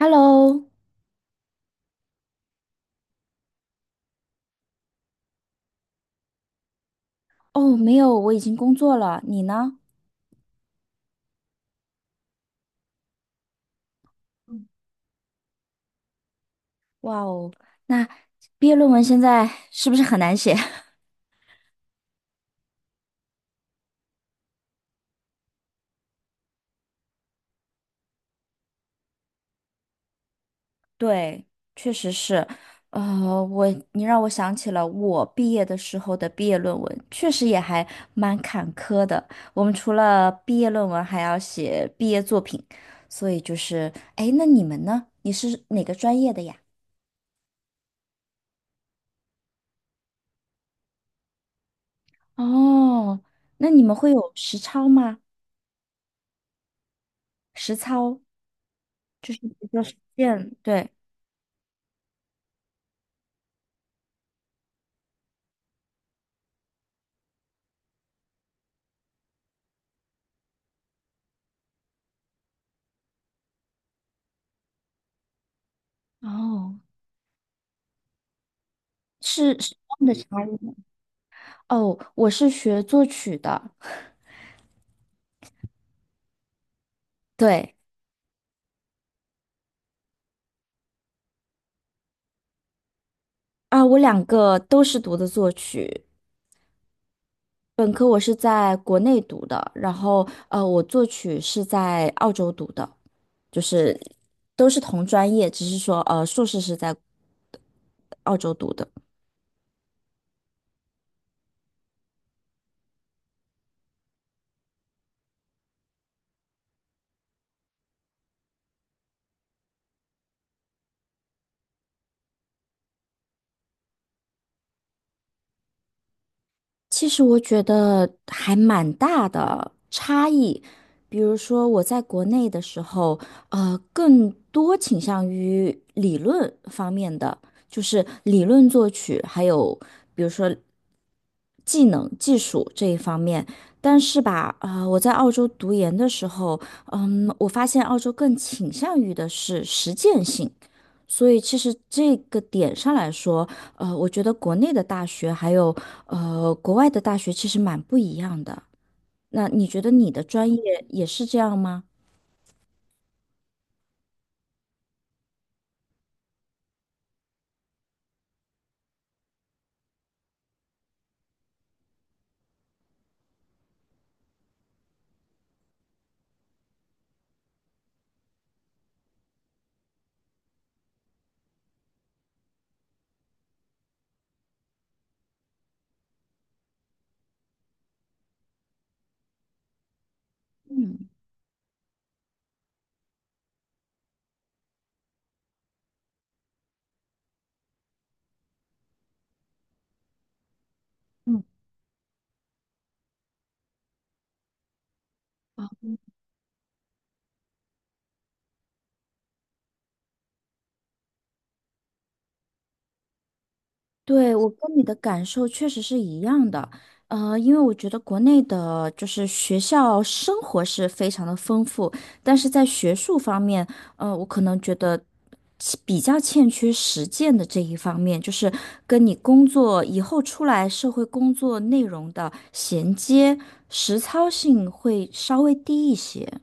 Hello。哦，没有，我已经工作了，你呢？嗯，哇哦，那毕业论文现在是不是很难写？对，确实是。呃，我，你让我想起了我毕业的时候的毕业论文，确实也还蛮坎坷的。我们除了毕业论文，还要写毕业作品，所以就是，哎，那你们呢？你是哪个专业的呀？哦，那你们会有实操吗？实操就是比如说实践，对。哦，是什么样的差异呢？哦，我是学作曲的，对。啊，我两个都是读的作曲，我是在国内读的，然后我作曲是在澳洲读的，就是都是同专业，只是说硕士是在澳洲读的。其实我觉得还蛮大的差异。比如说我在国内的时候，更多倾向于理论方面的，就是理论作曲，还有比如说技能、技术这一方面。但是吧，我在澳洲读研的时候，嗯，我发现澳洲更倾向于的是实践性。所以其实这个点上来说，我觉得国内的大学还有国外的大学其实蛮不一样的。那你觉得你的专业也是这样吗？嗯，对，我跟你的感受确实是一样的，因为我觉得国内的就是学校生活是非常的丰富，但是在学术方面，我可能觉得其比较欠缺实践的这一方面，就是跟你工作以后出来社会工作内容的衔接，实操性会稍微低一些。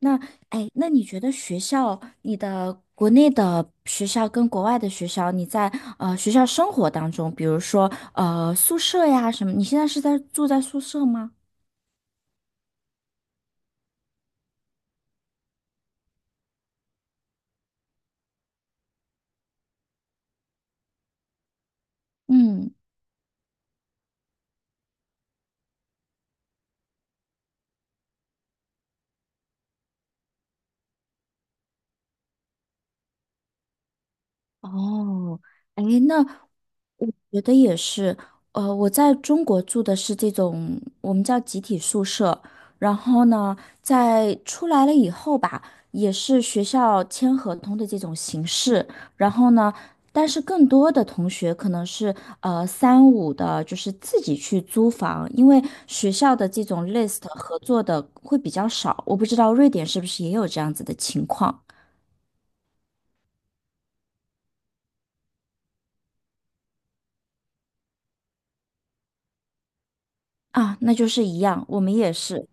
那哎，那你觉得学校，你的国内的学校跟国外的学校，你在学校生活当中，比如说宿舍呀什么，你现在是在住在宿舍吗？嗯，哦，哎，那我觉得也是，我在中国住的是这种我们叫集体宿舍，然后呢，在出来了以后吧，也是学校签合同的这种形式，然后呢，但是更多的同学可能是三五的，就是自己去租房，因为学校的这种 list 合作的会比较少，我不知道瑞典是不是也有这样子的情况。啊，那就是一样，我们也是。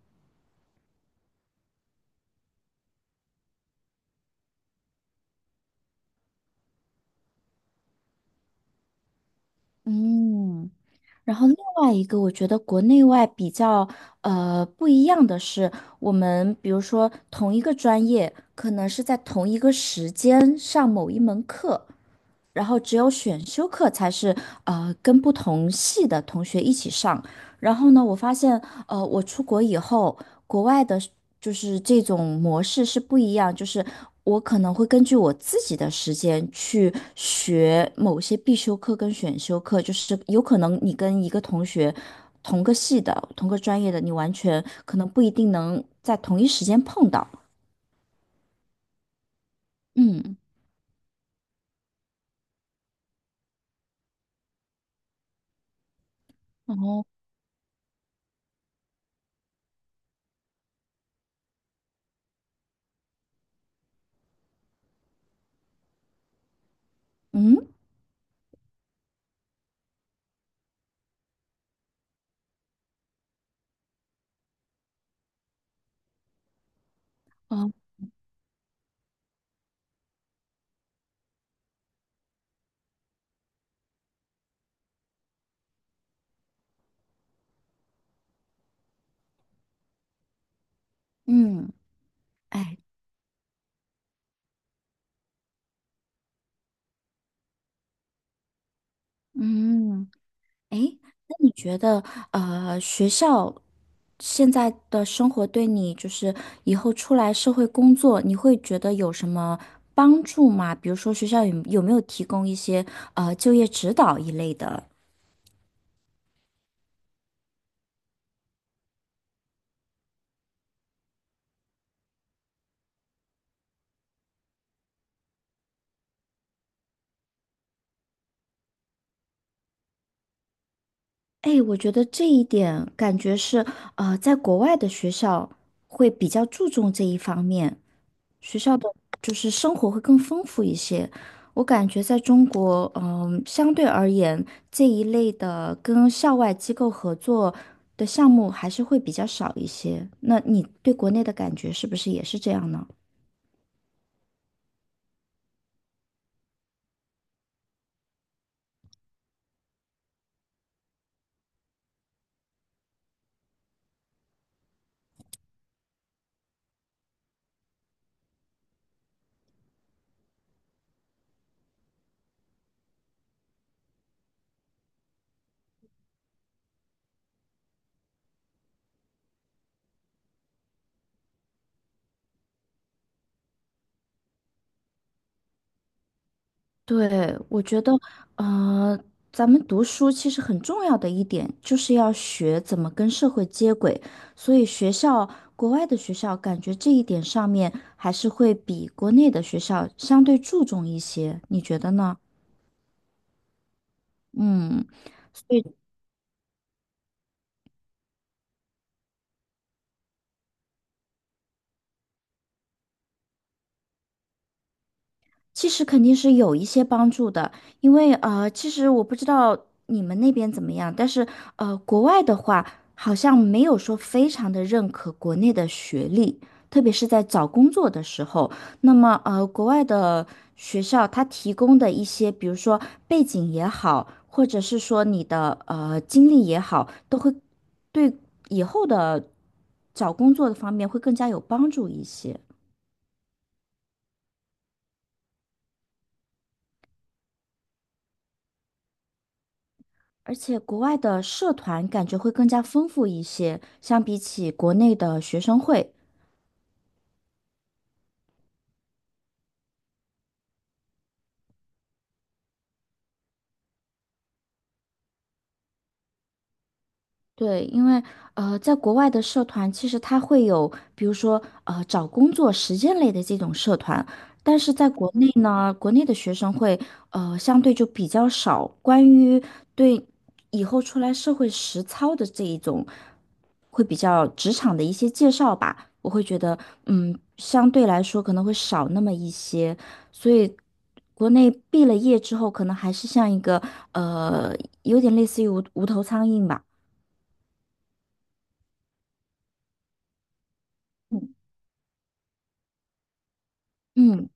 嗯，然后另外一个，我觉得国内外比较不一样的是，我们比如说同一个专业，可能是在同一个时间上某一门课，然后只有选修课才是跟不同系的同学一起上。然后呢，我发现我出国以后，国外的是就是这种模式是不一样，就是我可能会根据我自己的时间去学某些必修课跟选修课，就是有可能你跟一个同学同个系的、同个专业的，你完全可能不一定能在同一时间碰到。嗯，哦，嗯，哦，嗯，哎。嗯。那你觉得，学校现在的生活对你，就是以后出来社会工作，你会觉得有什么帮助吗？比如说，学校有没有提供一些就业指导一类的？哎，我觉得这一点感觉是，在国外的学校会比较注重这一方面。学校的就是生活会更丰富一些。我感觉在中国，嗯，相对而言，这一类的跟校外机构合作的项目还是会比较少一些。那你对国内的感觉是不是也是这样呢？对，我觉得，呃，咱们读书其实很重要的一点，就是要学怎么跟社会接轨。所以学校，国外的学校，感觉这一点上面还是会比国内的学校相对注重一些，你觉得呢？嗯。所以。其实肯定是有一些帮助的，因为其实我不知道你们那边怎么样，但是国外的话好像没有说非常的认可国内的学历，特别是在找工作的时候。那么国外的学校它提供的一些，比如说背景也好，或者是说你的经历也好，都会对以后的找工作的方面会更加有帮助一些。而且国外的社团感觉会更加丰富一些，相比起国内的学生会。对，因为在国外的社团其实它会有，比如说找工作实践类的这种社团，但是在国内呢，国内的学生会相对就比较少关于对以后出来社会实操的这一种，会比较职场的一些介绍吧，我会觉得嗯，相对来说可能会少那么一些，所以国内毕了业之后，可能还是像一个呃，有点类似于无头苍蝇吧。嗯，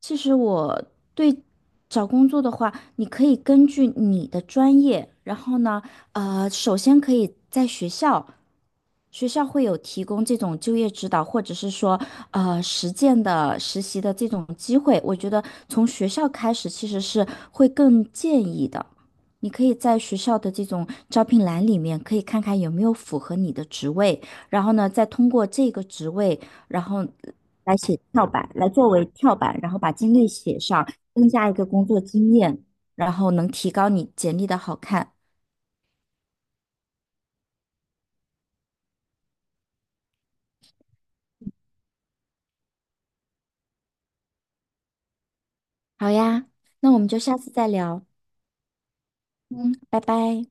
其实我对找工作的话，你可以根据你的专业，然后呢，首先可以在学校。学校会有提供这种就业指导，或者是说，实践的实习的这种机会，我觉得从学校开始其实是会更建议的。你可以在学校的这种招聘栏里面，可以看看有没有符合你的职位，然后呢，再通过这个职位，然后来作为跳板，然后把经历写上，增加一个工作经验，然后能提高你简历的好看。好呀，那我们就下次再聊。嗯，拜拜。